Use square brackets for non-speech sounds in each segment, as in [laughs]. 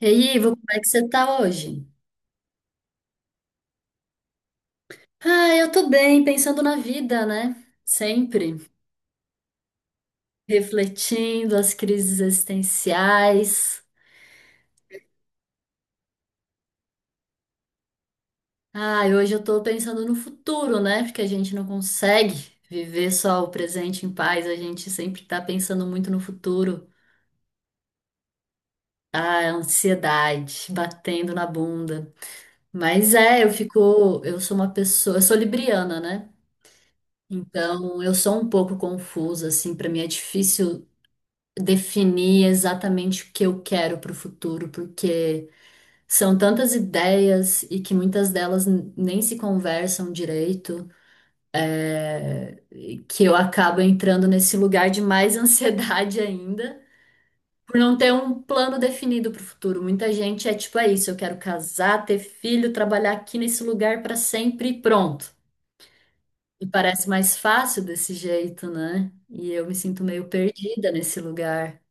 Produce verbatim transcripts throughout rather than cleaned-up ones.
E aí, Ivo, como é que você tá hoje? Ah, eu tô bem, pensando na vida, né? Sempre. Refletindo as crises existenciais. Ah, e hoje eu tô pensando no futuro, né? Porque a gente não consegue viver só o presente em paz, a gente sempre tá pensando muito no futuro. Ah, a ansiedade batendo na bunda. Mas é, eu fico, eu sou uma pessoa, eu sou libriana, né? Então, eu sou um pouco confusa, assim, pra mim é difícil definir exatamente o que eu quero para o futuro, porque são tantas ideias e que muitas delas n- nem se conversam direito, é, que eu acabo entrando nesse lugar de mais [laughs] ansiedade ainda. Por não ter um plano definido para o futuro. Muita gente é tipo, é isso, eu quero casar, ter filho, trabalhar aqui nesse lugar para sempre e pronto. E parece mais fácil desse jeito, né? E eu me sinto meio perdida nesse lugar.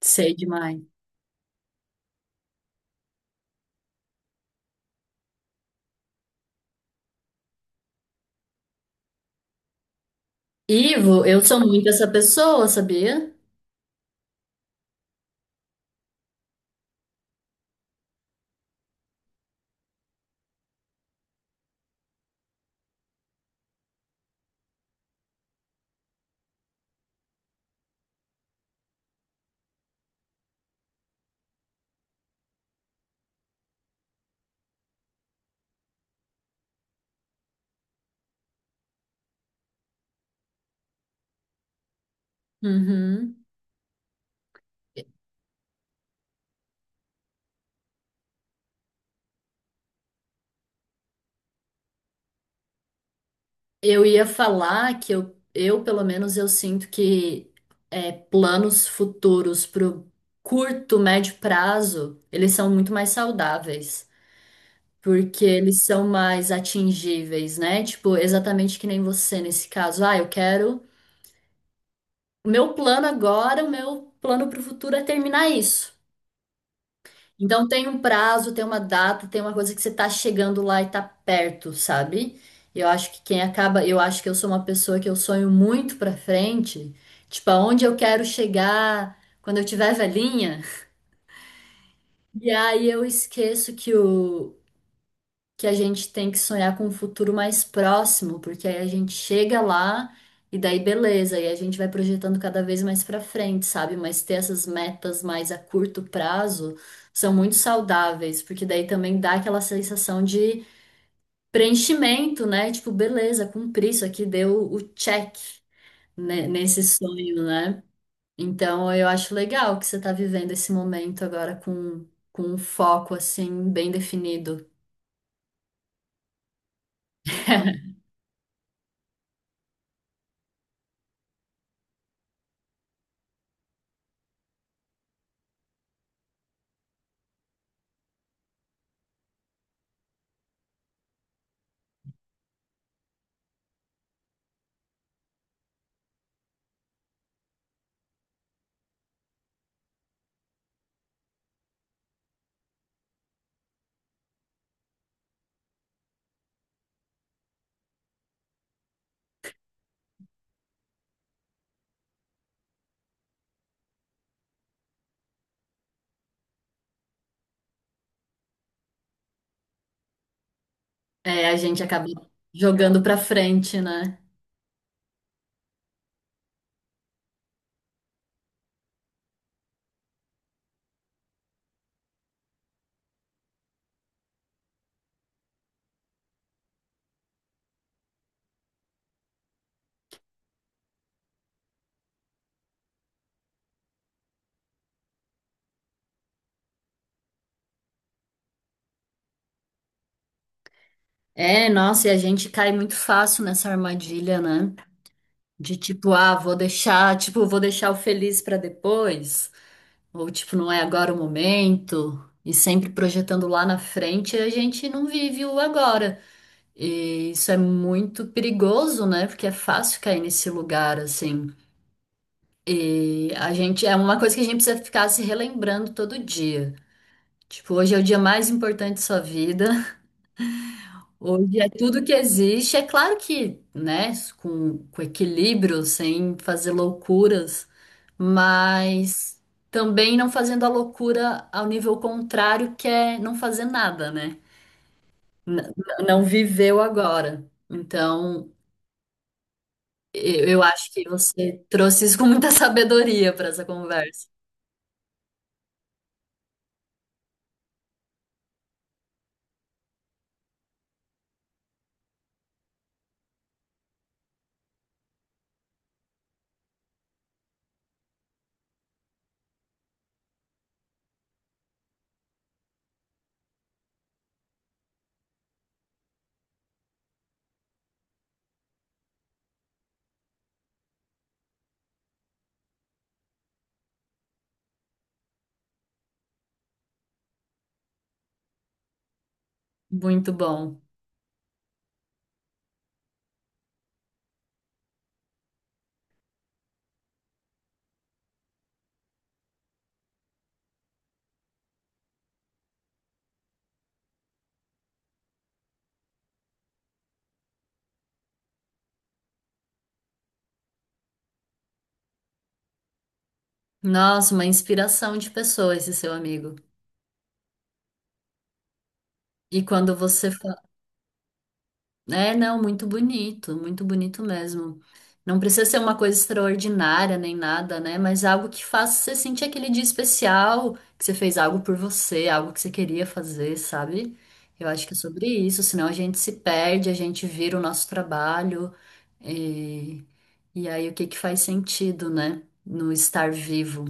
Sei demais. Ivo, eu sou muito essa pessoa, sabia? Uhum. Eu ia falar que eu, eu pelo menos, eu sinto que é, planos futuros pro curto, médio prazo, eles são muito mais saudáveis, porque eles são mais atingíveis, né? Tipo, exatamente que nem você nesse caso. Ah, eu quero. O meu plano agora, o meu plano pro futuro é terminar isso. Então tem um prazo, tem uma data, tem uma coisa que você tá chegando lá e tá perto, sabe? Eu acho que quem acaba, eu acho que eu sou uma pessoa que eu sonho muito pra frente, tipo aonde eu quero chegar quando eu tiver velhinha. E aí eu esqueço que o, que a gente tem que sonhar com um futuro mais próximo, porque aí a gente chega lá e daí beleza, e a gente vai projetando cada vez mais pra frente, sabe? Mas ter essas metas mais a curto prazo são muito saudáveis, porque daí também dá aquela sensação de preenchimento, né? Tipo, beleza, cumpri isso aqui, deu o check, né, nesse sonho, né? Então eu acho legal que você tá vivendo esse momento agora com, com um foco assim bem definido. É, a gente acaba jogando pra frente, né? É, nossa, e a gente cai muito fácil nessa armadilha, né? De tipo, ah, vou deixar, tipo, vou deixar o feliz pra depois, ou tipo, não é agora o momento, e sempre projetando lá na frente, a gente não vive o agora. E isso é muito perigoso, né? Porque é fácil cair nesse lugar assim. E a gente é uma coisa que a gente precisa ficar se relembrando todo dia. Tipo, hoje é o dia mais importante da sua vida. Hoje é tudo que existe. É claro que, né, com, com equilíbrio, sem fazer loucuras, mas também não fazendo a loucura ao nível contrário, que é não fazer nada, né? N- n- não viveu agora. Então, eu, eu acho que você trouxe isso com muita [laughs] sabedoria para essa conversa. Muito bom. Nossa, uma inspiração de pessoa esse seu amigo. E quando você É, não, muito bonito, muito bonito mesmo. Não precisa ser uma coisa extraordinária nem nada, né? Mas algo que faça você sentir aquele dia especial, que você fez algo por você, algo que você queria fazer, sabe? Eu acho que é sobre isso, senão a gente se perde, a gente vira o nosso trabalho, e, e aí o que que faz sentido, né? No estar vivo.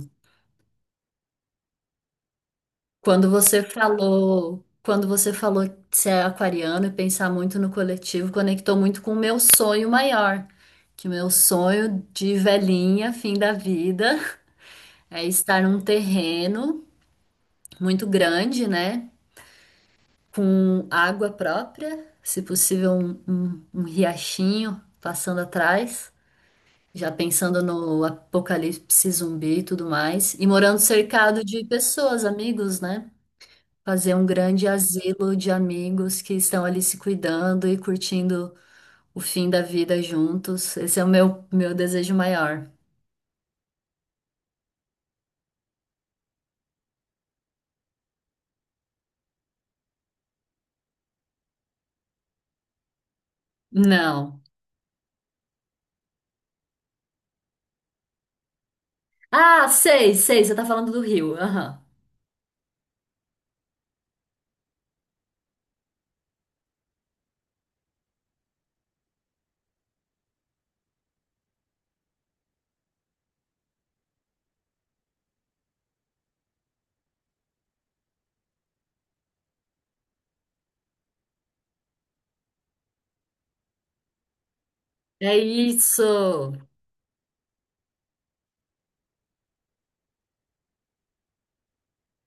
Quando você falou, quando você falou de ser aquariano e pensar muito no coletivo, conectou muito com o meu sonho maior, que o meu sonho de velhinha, fim da vida, [laughs] é estar num terreno muito grande, né, com água própria, se possível um, um- um riachinho passando atrás, já pensando no apocalipse zumbi e tudo mais, e morando cercado de pessoas, amigos, né? Fazer um grande asilo de amigos que estão ali se cuidando e curtindo o fim da vida juntos. Esse é o meu, meu desejo maior. Não. Ah, sei, sei, você tá falando do Rio. Aham. É isso.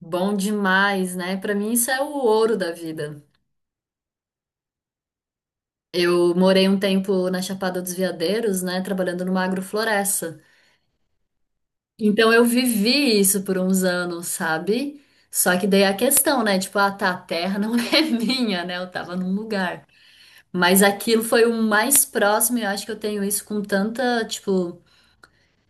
Bom demais, né? Pra mim isso é o ouro da vida. Eu morei um tempo na Chapada dos Veadeiros, né, trabalhando numa agrofloresta. Então eu vivi isso por uns anos, sabe? Só que daí é a questão, né? Tipo, ah, tá, a terra não [laughs] é minha, né? Eu tava num lugar. Mas aquilo foi o mais próximo, e eu acho que eu tenho isso com tanta, tipo.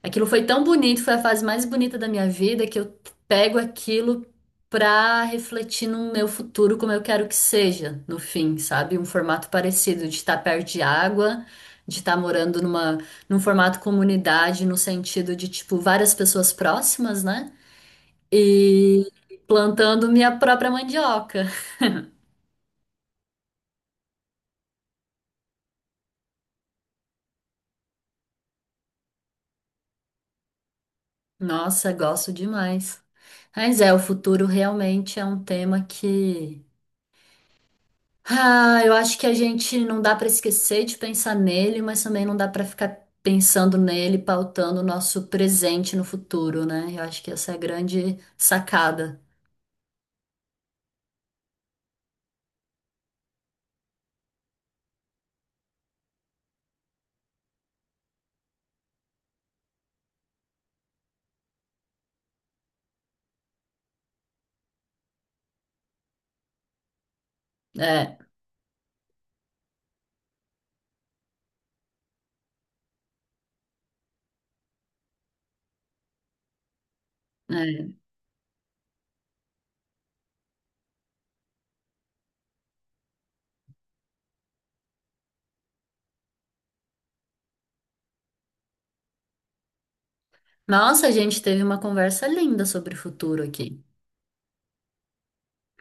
Aquilo foi tão bonito, foi a fase mais bonita da minha vida que eu pego aquilo pra refletir no meu futuro como eu quero que seja, no fim, sabe? Um formato parecido de estar perto de água, de estar morando numa num formato comunidade, no sentido de tipo várias pessoas próximas, né? E plantando minha própria mandioca. Nossa, gosto demais. Mas é, o futuro realmente é um tema que Ah, eu acho que a gente não dá para esquecer de pensar nele, mas também não dá para ficar pensando nele, pautando o nosso presente no futuro, né? Eu acho que essa é a grande sacada. É, é. Nossa, a gente teve uma conversa linda sobre o futuro aqui.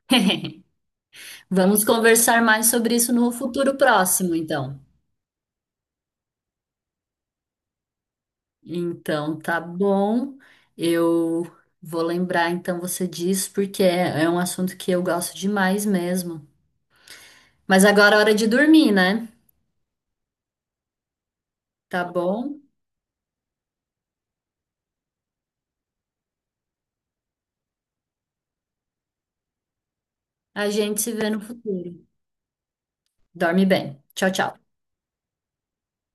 [laughs] Vamos conversar mais sobre isso no futuro próximo, então. Então, tá bom. Eu vou lembrar então você disso, porque é é um assunto que eu gosto demais mesmo. Mas agora é hora de dormir, né? Tá bom? A gente se vê no futuro. Dorme bem. Tchau, tchau.